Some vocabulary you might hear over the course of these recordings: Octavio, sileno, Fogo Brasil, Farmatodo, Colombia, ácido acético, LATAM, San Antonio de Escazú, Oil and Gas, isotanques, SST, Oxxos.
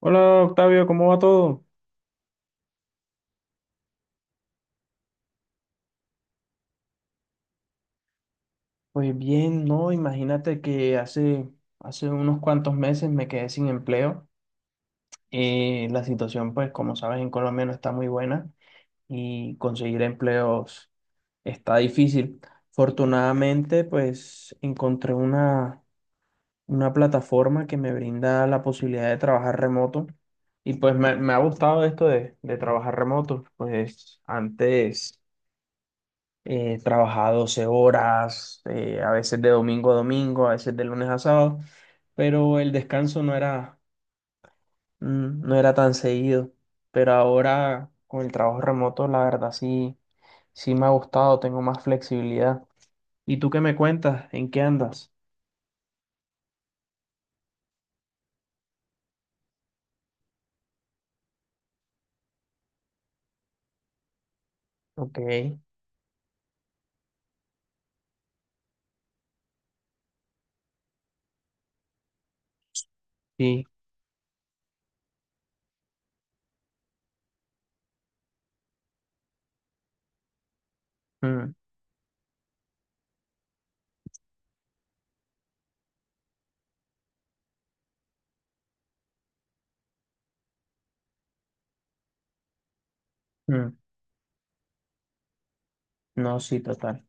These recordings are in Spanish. Hola Octavio, ¿cómo va todo? Pues bien, no, imagínate que hace unos cuantos meses me quedé sin empleo. La situación, pues como sabes, en Colombia no está muy buena y conseguir empleos está difícil. Afortunadamente, pues encontré una plataforma que me brinda la posibilidad de trabajar remoto y pues me ha gustado esto de trabajar remoto. Pues antes, trabajaba 12 horas, a veces de domingo a domingo, a veces de lunes a sábado, pero el descanso no era, no era tan seguido. Pero ahora con el trabajo remoto, la verdad sí, sí me ha gustado, tengo más flexibilidad. ¿Y tú qué me cuentas? ¿En qué andas? Ok, sí. Mm, mm, no, sí, total.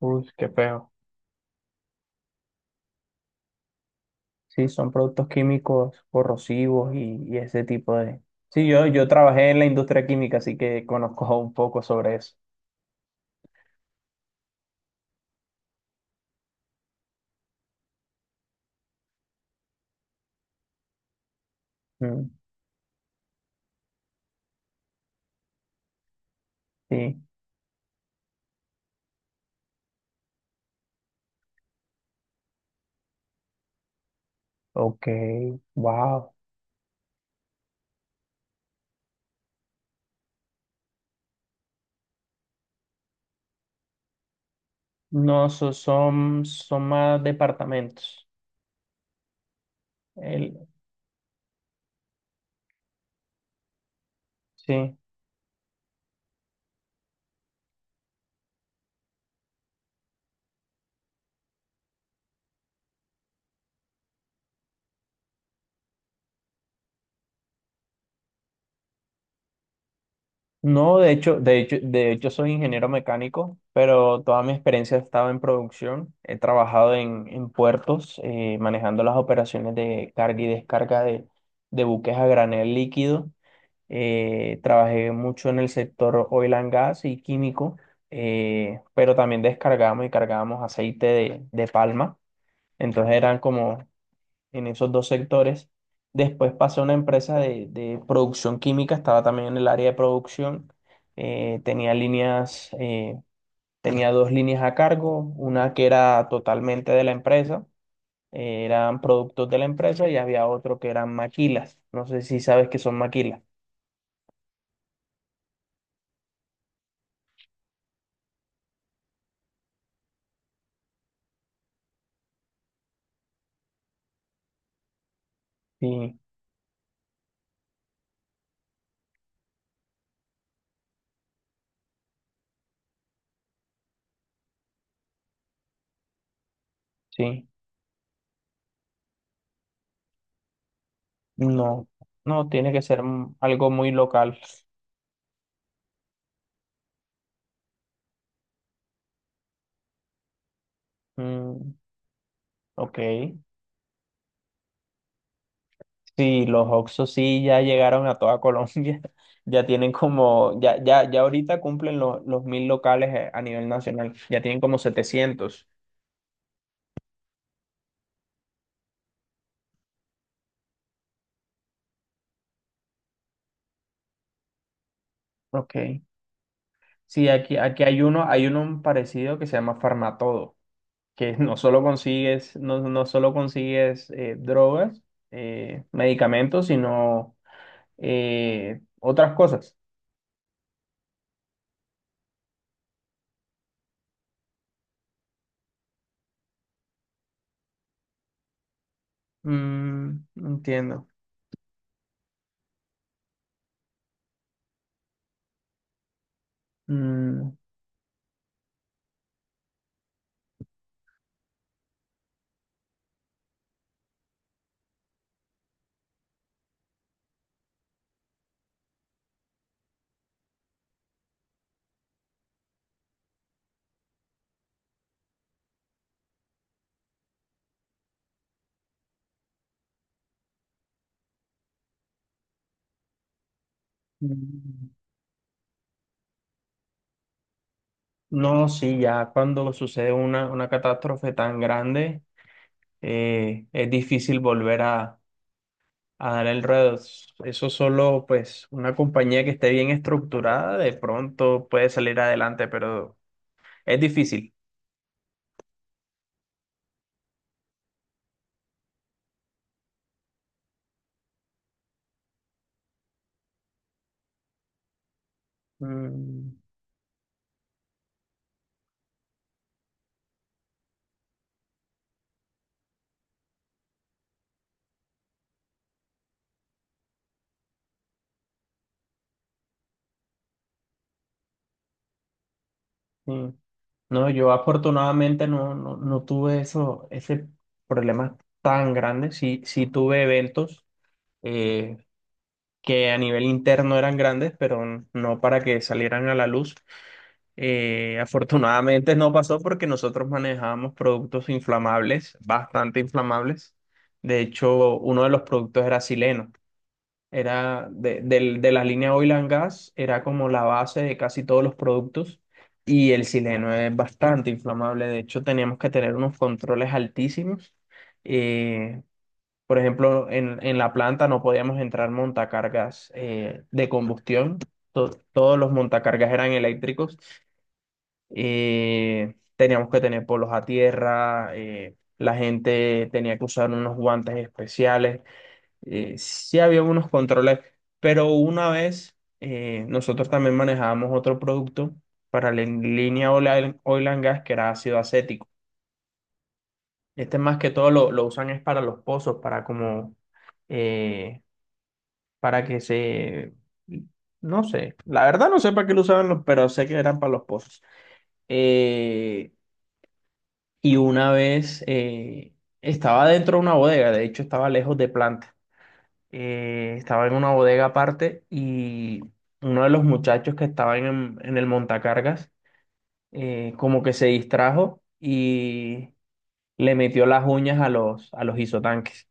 Uy, qué feo. Sí, son productos químicos corrosivos y ese tipo de. Sí, yo trabajé en la industria química, así que conozco un poco sobre eso. Mm, sí, ok, wow. No, son más departamentos. El, sí. No, de hecho, soy ingeniero mecánico, pero toda mi experiencia ha estado en producción. He trabajado en puertos, manejando las operaciones de carga y descarga de buques a granel líquido. Trabajé mucho en el sector oil and gas y químico, pero también descargamos y cargábamos aceite de palma. Entonces eran como en esos dos sectores. Después pasé a una empresa de producción química, estaba también en el área de producción. Eh, tenía líneas, eh, tenía dos líneas a cargo, una que era totalmente de la empresa, eran productos de la empresa y había otro que eran maquilas. No sé si sabes qué son maquilas. Sí, sí. No, no, tiene que ser algo muy local. Mm, ok. Sí, los Oxxos sí ya llegaron a toda Colombia. Ya tienen como, ya ahorita cumplen los 1000 locales, a nivel nacional. Ya tienen como 700. Ok. Sí, aquí hay uno parecido que se llama Farmatodo, que no solo consigues drogas, medicamentos, sino otras cosas. Mm, entiendo. Mm, mm. No, sí, ya cuando sucede una catástrofe tan grande, es difícil volver a dar el ruedo. Eso solo, pues, una compañía que esté bien estructurada, de pronto puede salir adelante, pero es difícil. Mm, sí. No, yo afortunadamente no tuve eso, ese problema tan grande. Sí, sí tuve eventos, eh, que a nivel interno eran grandes, pero no para que salieran a la luz. Afortunadamente no pasó porque nosotros manejábamos productos inflamables, bastante inflamables. De hecho, uno de los productos era sileno. Era de la línea Oil and Gas, era como la base de casi todos los productos. Y el sileno es bastante inflamable. De hecho, teníamos que tener unos controles altísimos. eh, por ejemplo, en la planta no podíamos entrar montacargas de combustión. Todos los montacargas eran eléctricos. Teníamos que tener polos a tierra. La gente tenía que usar unos guantes especiales. Sí había unos controles, pero una vez nosotros también manejábamos otro producto para la línea oil and gas que era ácido acético. Este más que todo lo usan es para los pozos. Eh, para que se... No sé, la verdad no sé para qué lo usaban, pero sé que eran para los pozos. Eh, y una vez estaba dentro de una bodega, de hecho estaba lejos de planta. Estaba en una bodega aparte y uno de los muchachos que estaban en el montacargas como que se distrajo y le metió las uñas a los isotanques,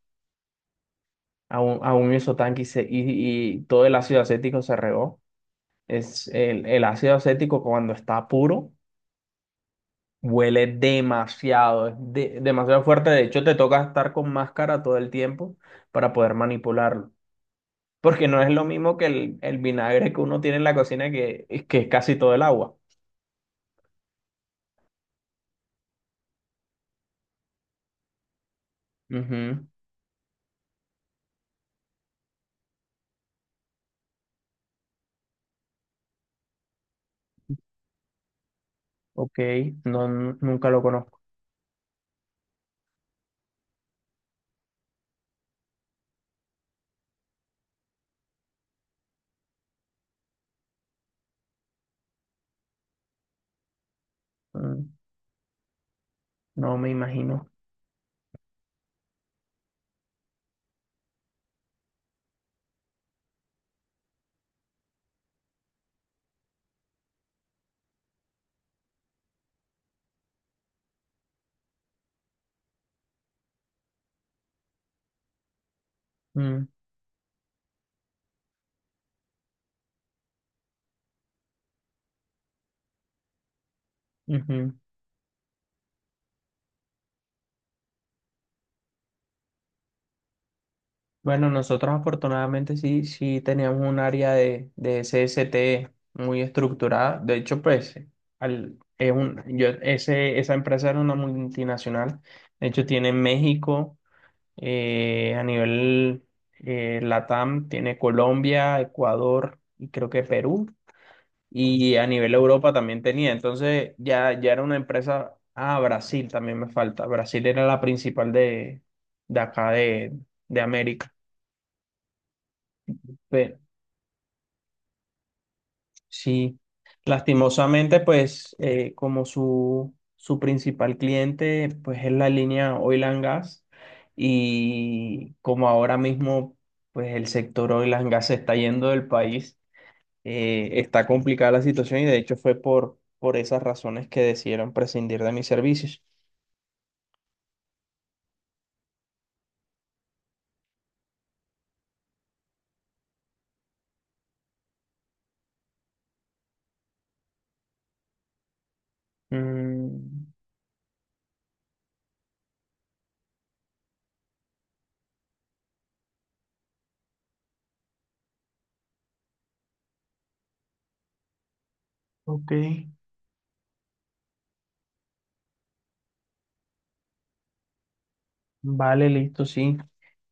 a un isotanque y todo el ácido acético se regó. Es el ácido acético cuando está puro huele demasiado, es demasiado fuerte. De hecho, te toca estar con máscara todo el tiempo para poder manipularlo. Porque no es lo mismo que el vinagre que uno tiene en la cocina que es casi todo el agua. Ujú, ok, no, nunca lo conozco. Mm, no me imagino. Mm, ujú. Bueno, nosotros afortunadamente sí, sí teníamos un área de SST muy estructurada. De hecho, pues, esa empresa era una multinacional. De hecho, tiene en México, a nivel LATAM, tiene Colombia, Ecuador y creo que Perú. Y a nivel Europa también tenía. Entonces, ya era una empresa. Ah, Brasil también me falta. Brasil era la principal de acá de América. Pe- Sí, lastimosamente, pues como su principal cliente, pues es la línea Oil and Gas y como ahora mismo, pues el sector Oil and Gas se está yendo del país, está complicada la situación y de hecho fue por esas razones que decidieron prescindir de mis servicios. Mm, ok. Vale, listo, sí.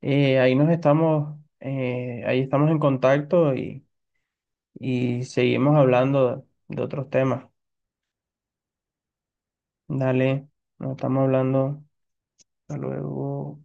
Ahí estamos en contacto y seguimos hablando de otros temas. Dale, nos estamos hablando. Hasta luego.